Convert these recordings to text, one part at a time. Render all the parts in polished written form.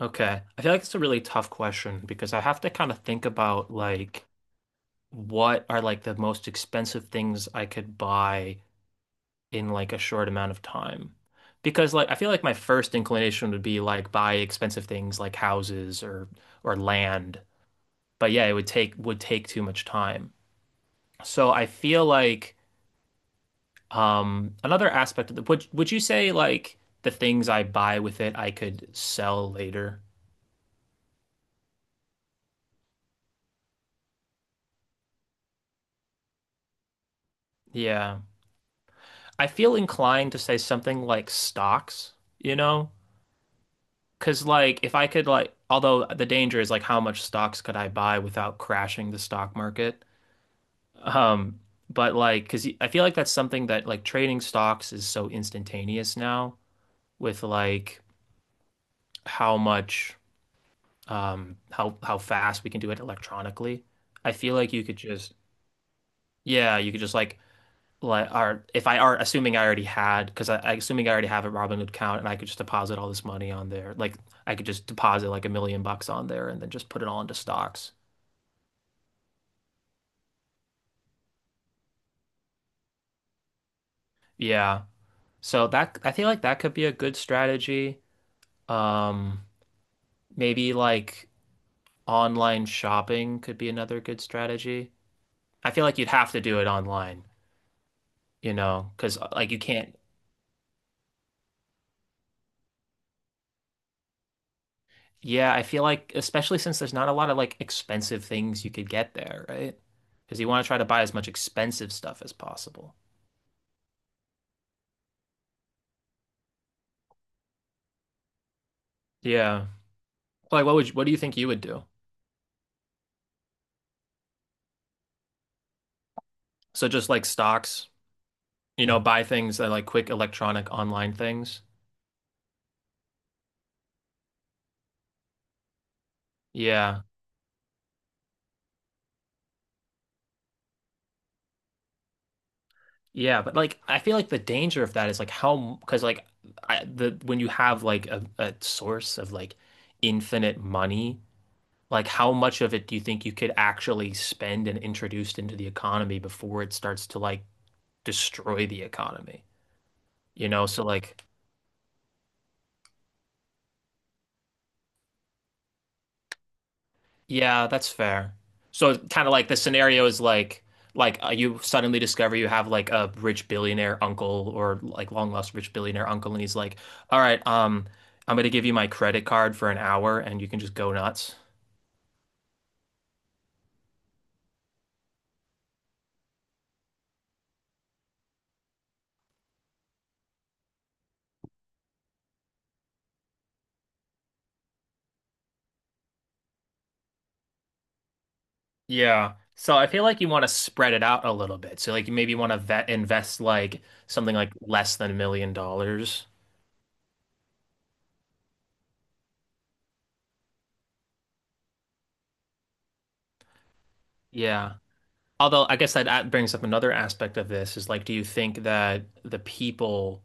Okay. I feel like it's a really tough question because I have to kind of think about like what are like the most expensive things I could buy in like a short amount of time. Because like I feel like my first inclination would be like buy expensive things like houses or land. But yeah, it would take too much time. So I feel like another aspect of the would you say like the things I buy with it I could sell later? Yeah. I feel inclined to say something like stocks, you know? Because, like, if I could, like, although the danger is, like, how much stocks could I buy without crashing the stock market? Um, but, like, because I feel like that's something that, like, trading stocks is so instantaneous now with, like, how much, how fast we can do it electronically. I feel like yeah, you could just, like are if I are assuming I already had because I assuming I already have a Robinhood account and I could just deposit all this money on there. Like I could just deposit like a million bucks on there and then just put it all into stocks. Yeah. So that I feel like that could be a good strategy. Um, maybe like online shopping could be another good strategy. I feel like you'd have to do it online, because like you can't. Yeah, I feel like especially since there's not a lot of like expensive things you could get there, right? Because you want to try to buy as much expensive stuff as possible. Yeah. Like what do you think you would do? So just like stocks, buy things that like quick electronic online things. Yeah. Yeah, but like I feel like the danger of that is like how because like I, the when you have like a source of like infinite money, like how much of it do you think you could actually spend and introduced into the economy before it starts to like destroy the economy, you know? So like, yeah, that's fair. So kind of like the scenario is you suddenly discover you have like a rich billionaire uncle or like long lost rich billionaire uncle and he's like, "All right, I'm gonna give you my credit card for an hour and you can just go nuts." Yeah. So I feel like you want to spread it out a little bit. So like you maybe want to vet invest like something like less than $1 million. Yeah. Although I guess that brings up another aspect of this is like, do you think that the people,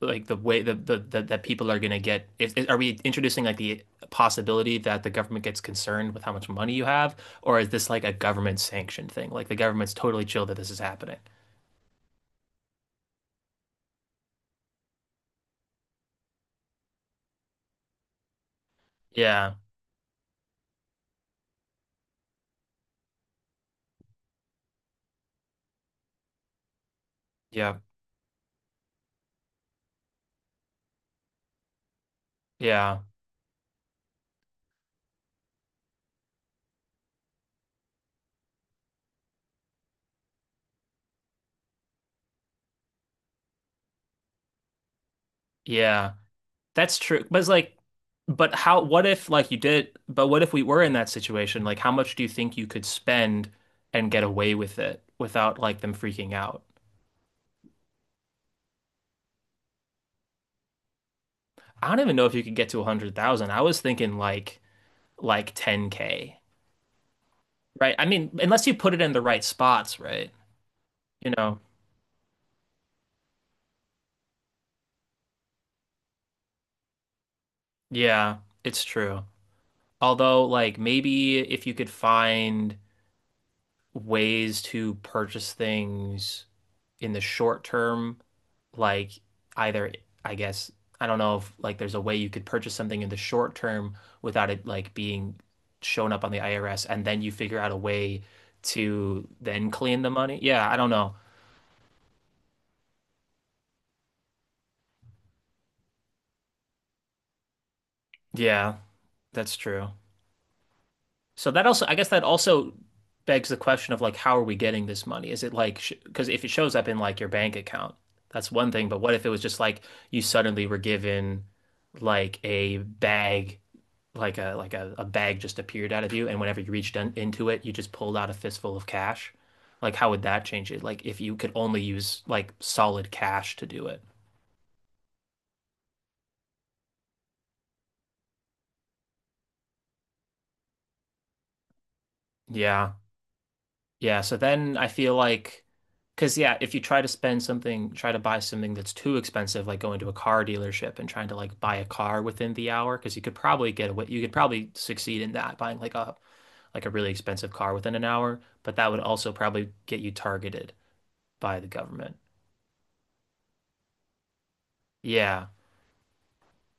like the way the that people are going to get, are we introducing like the possibility that the government gets concerned with how much money you have, or is this like a government sanctioned thing? Like the government's totally chill that this is happening. Yeah, yeah, yeah, yeah. That's true. But it's like, but how? What if like you did? But what if we were in that situation? Like, how much do you think you could spend and get away with it without like them freaking out? I don't even know if you could get to 100,000. I was thinking like 10K, right? I mean, unless you put it in the right spots, right? You know. Yeah, it's true. Although like maybe if you could find ways to purchase things in the short term, like either I guess I don't know if like there's a way you could purchase something in the short term without it like being shown up on the IRS and then you figure out a way to then clean the money. Yeah, I don't know. Yeah, that's true. So that also, I guess that also begs the question of like, how are we getting this money? Is it like, because if it shows up in like your bank account, that's one thing. But what if it was just like you suddenly were given like a bag, like a bag just appeared out of you, and whenever you reached into it, you just pulled out a fistful of cash? Like, how would that change it? Like, if you could only use like solid cash to do it. Yeah. Yeah, so then I feel like, because yeah, if you try to buy something that's too expensive, like going to a car dealership and trying to like buy a car within the hour, because you could probably you could probably succeed in that buying like a really expensive car within an hour, but that would also probably get you targeted by the government. Yeah,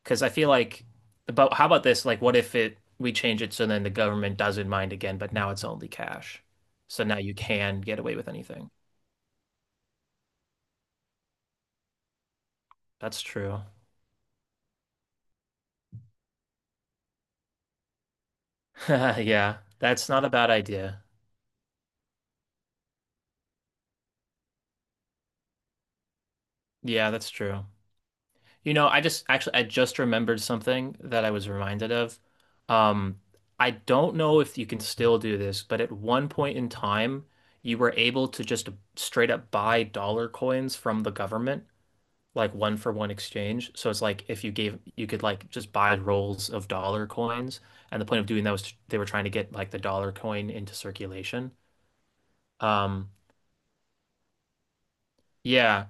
because I feel like, but how about this? Like, what if it we change it so then the government doesn't mind again, but now it's only cash, so now you can get away with anything. That's true. Yeah, that's not a bad idea. Yeah, that's true. You know, I just remembered something that I was reminded of. Um, I don't know if you can still do this, but at one point in time, you were able to just straight up buy dollar coins from the government, like one for one exchange. So it's like if you gave you could like just buy rolls of dollar coins, and the point of doing that was they were trying to get like the dollar coin into circulation. Um, yeah.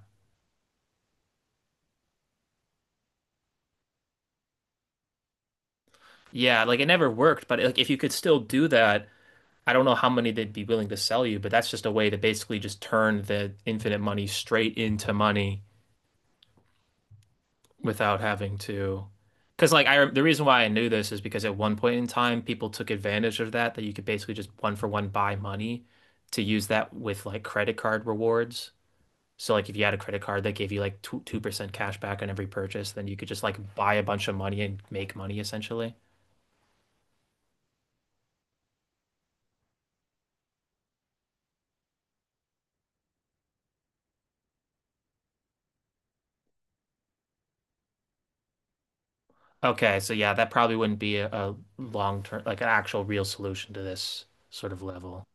Yeah, like it never worked, but like if you could still do that, I don't know how many they'd be willing to sell you, but that's just a way to basically just turn the infinite money straight into money without having to. Because like the reason why I knew this is because at one point in time people took advantage of that that you could basically just one for one buy money to use that with like credit card rewards. So like if you had a credit card that gave you like two 2% cash back on every purchase, then you could just like buy a bunch of money and make money essentially. Okay, so yeah, that probably wouldn't be a long term, like an actual real solution to this sort of level.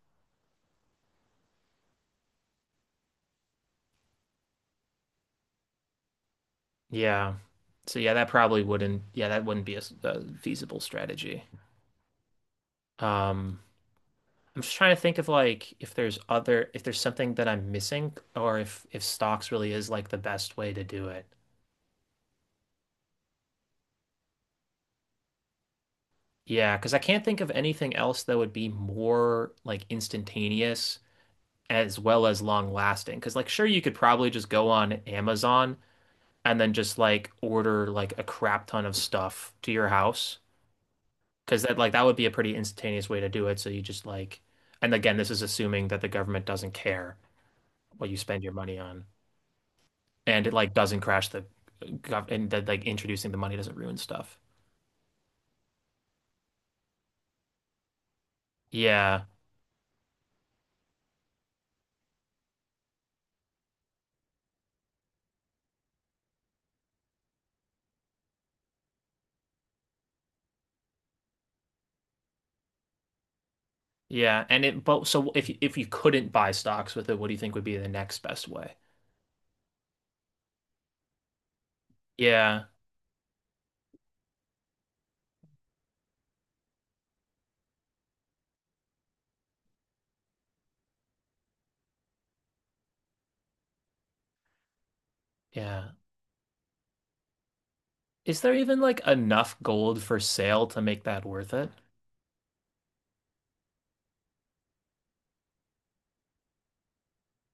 Yeah. So yeah, that probably wouldn't, yeah, that wouldn't be a, a feasible strategy. Um, I'm just trying to think of like if there's other, if there's something that I'm missing or if stocks really is like the best way to do it. Yeah, because I can't think of anything else that would be more like instantaneous as well as long lasting. Because like sure, you could probably just go on Amazon and then just like order like a crap ton of stuff to your house because that like that would be a pretty instantaneous way to do it. So you just like, and again, this is assuming that the government doesn't care what you spend your money on, and it like doesn't crash the gov and that like introducing the money doesn't ruin stuff. Yeah, yeah, and it but so if if you couldn't buy stocks with it, what do you think would be the next best way? Yeah, yeah. Is there even like enough gold for sale to make that worth it?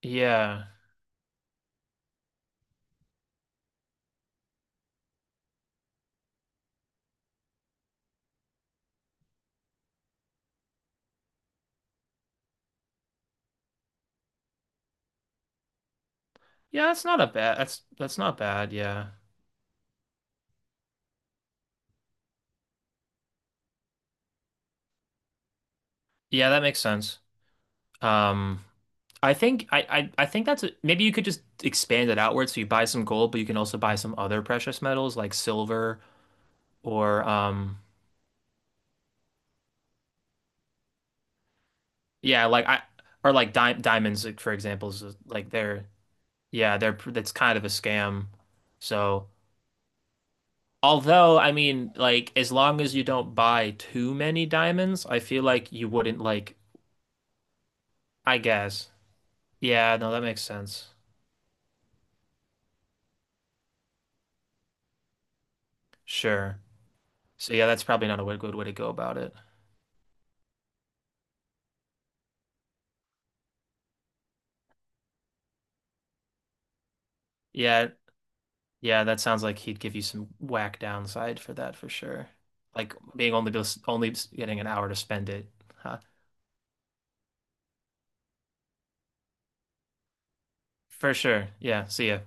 Yeah. Yeah, that's not a bad. That's not bad. Yeah, yeah, that makes sense. Um, I think I think that's a, maybe you could just expand it outward so you buy some gold, but you can also buy some other precious metals like silver or yeah like I or like di diamonds like, for example is like they're yeah, they're that's kind of a scam. So although I mean like as long as you don't buy too many diamonds, I feel like you wouldn't like I guess yeah no that makes sense. Sure. So yeah, that's probably not a good way to go about it. Yeah, yeah, that sounds like he'd give you some whack downside for that for sure. Like being only just only getting an hour to spend it. Huh. For sure. Yeah, see ya.